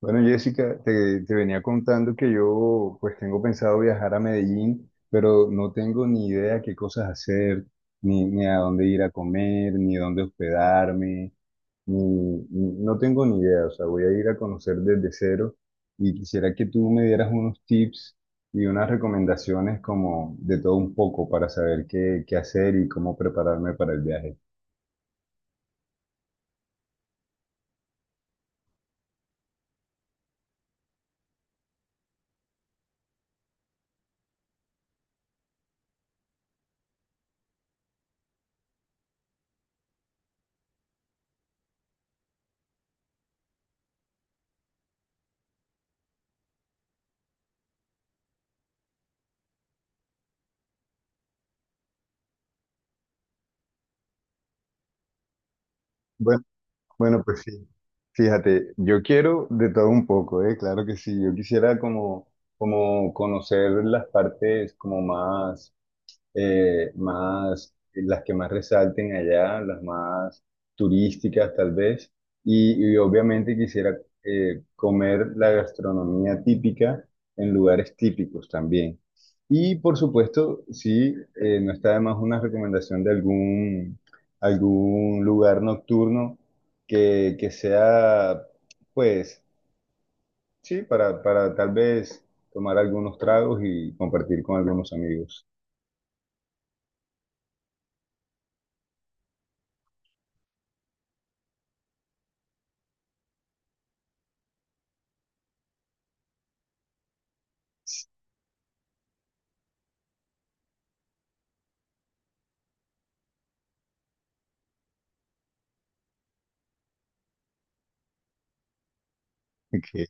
Bueno, Jessica, te venía contando que yo pues tengo pensado viajar a Medellín, pero no tengo ni idea qué cosas hacer, ni a dónde ir a comer, ni dónde hospedarme, ni, no tengo ni idea, o sea, voy a ir a conocer desde cero y quisiera que tú me dieras unos tips y unas recomendaciones como de todo un poco para saber qué hacer y cómo prepararme para el viaje. Bueno, Bueno, pues sí, fíjate, yo quiero de todo un poco, ¿eh? Claro que sí, yo quisiera como, como conocer las partes como más más, las que más resalten allá, las más turísticas tal vez, y obviamente quisiera comer la gastronomía típica en lugares típicos también. Y por supuesto, sí, no está de más una recomendación de algún, algún lugar nocturno que sea, pues, sí, para tal vez tomar algunos tragos y compartir con algunos amigos.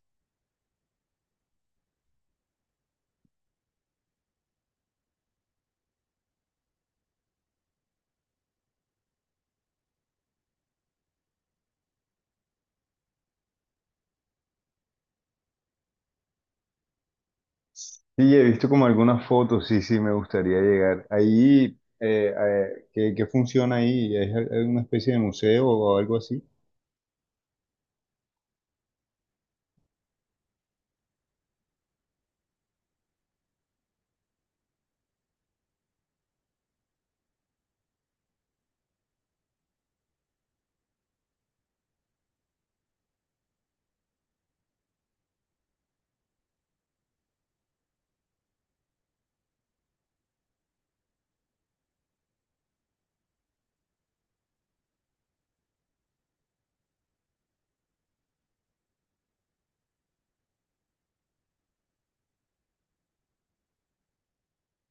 Sí, he visto como algunas fotos, sí, sí, me gustaría llegar. Ahí, ¿qué, qué funciona ahí? ¿Es alguna especie de museo o algo así?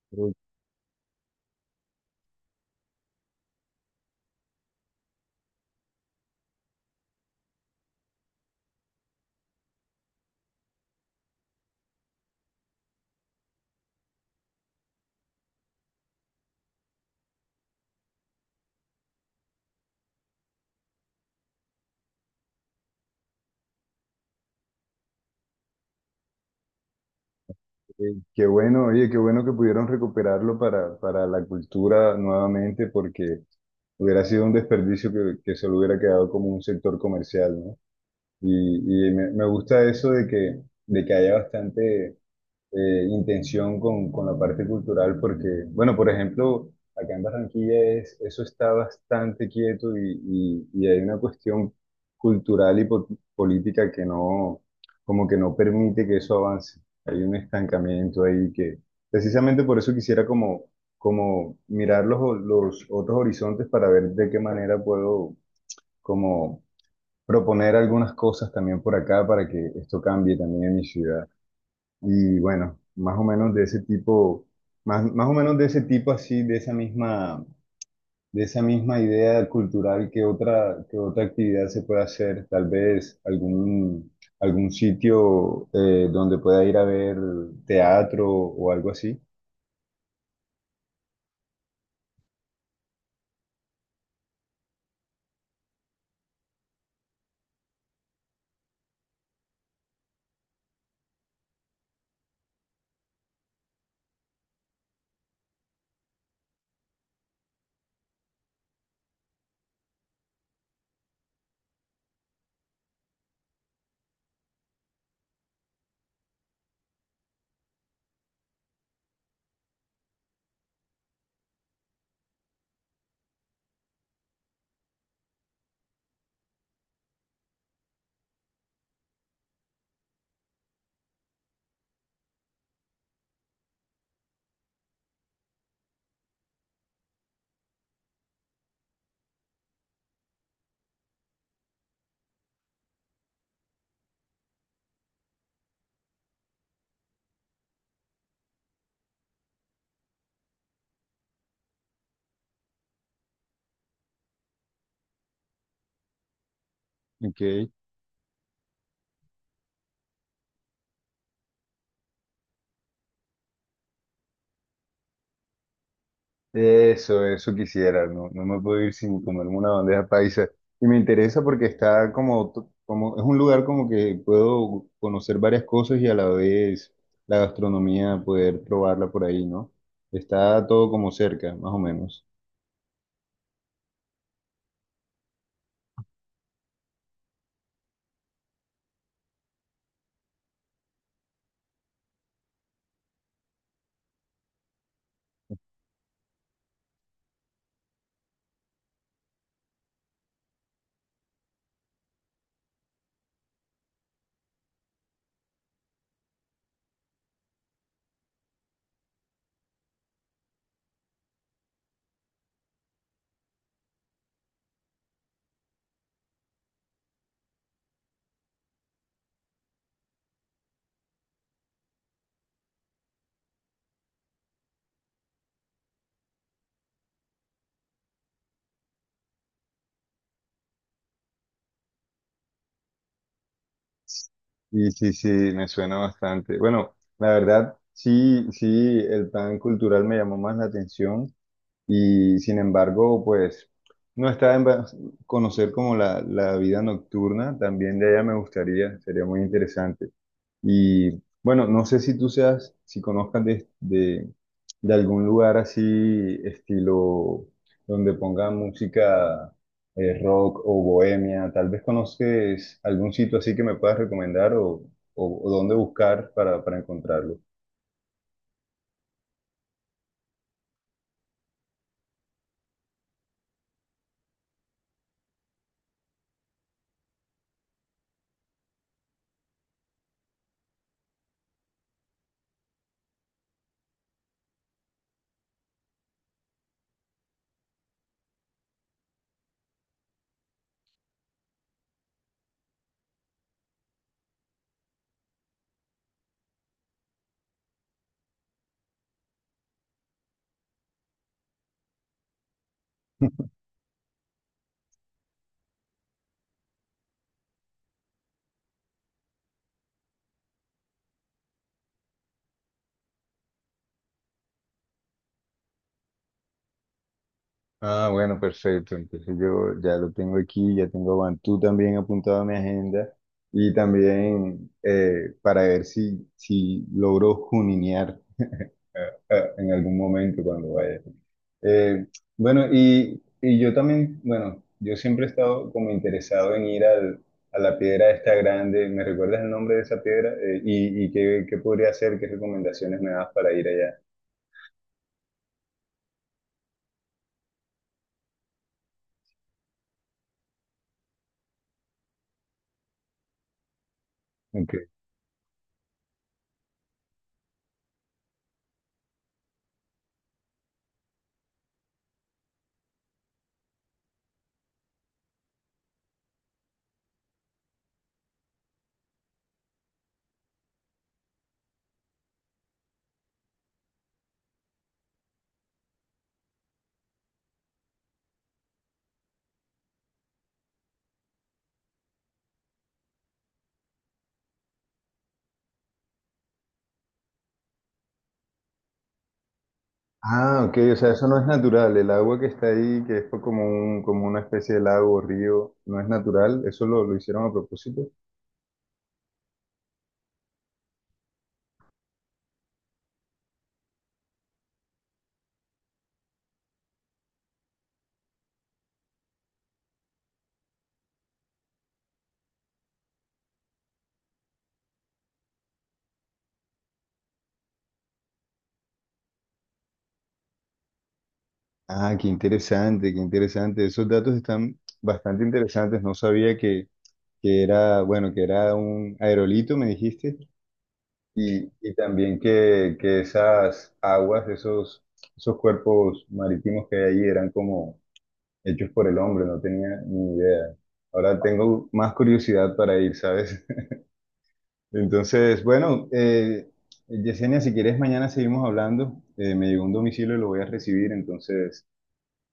Pero, qué bueno, oye, qué bueno que pudieron recuperarlo para la cultura nuevamente, porque hubiera sido un desperdicio que solo hubiera quedado como un sector comercial, ¿no? Y me, me gusta eso de que haya bastante intención con la parte cultural, porque, bueno, por ejemplo, acá en Barranquilla es, eso está bastante quieto y, y hay una cuestión cultural y política que no, como que no permite que eso avance. Hay un estancamiento ahí que, precisamente por eso quisiera como, como mirar los otros horizontes para ver de qué manera puedo como proponer algunas cosas también por acá para que esto cambie también en mi ciudad. Y bueno, más o menos de ese tipo, más, más o menos de ese tipo así, de esa misma idea cultural, ¿que otra, que otra actividad se puede hacer? Tal vez algún, algún sitio donde pueda ir a ver teatro o algo así. Ok. Eso quisiera, no, no me puedo ir sin comerme una bandeja paisa. Y me interesa porque está como, como, es un lugar como que puedo conocer varias cosas y a la vez la gastronomía poder probarla por ahí, ¿no? Está todo como cerca, más o menos. Y sí, sí, me suena bastante. Bueno, la verdad, sí, sí, el pan cultural me llamó más la atención. Y sin embargo, pues no está en conocer como la vida nocturna, también de ella me gustaría, sería muy interesante. Y bueno, no sé si tú seas, si conozcas de algún lugar así, estilo, donde ponga música rock o bohemia, tal vez conoces algún sitio así que me puedas recomendar o dónde buscar para encontrarlo. Ah, bueno, perfecto. Entonces yo ya lo tengo aquí, ya tengo a Bantú también apuntado a mi agenda y también para ver si, si logro juninear eh, en algún momento cuando vaya. Eh, bueno, y yo también, bueno, yo siempre he estado como interesado en ir al, a la piedra esta grande. ¿Me recuerdas el nombre de esa piedra? Y qué, qué podría hacer, ¿qué recomendaciones me das para ir allá? Ok. Ah, ok, o sea, eso no es natural. El agua que está ahí, que es como un, como una especie de lago o río, no es natural. Eso lo hicieron a propósito. Ah, qué interesante, qué interesante. Esos datos están bastante interesantes. No sabía que era, bueno, que era un aerolito, me dijiste. Y también que esas aguas, esos, esos cuerpos marítimos que hay ahí eran como hechos por el hombre, no tenía ni idea. Ahora tengo más curiosidad para ir, ¿sabes? Entonces, bueno, Yesenia, si quieres, mañana seguimos hablando. Me llegó un domicilio y lo voy a recibir, entonces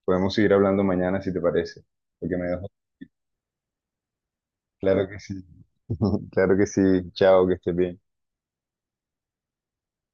podemos seguir hablando mañana si te parece. Porque me dejó. Claro que sí. Claro que sí. Chao, que estés bien.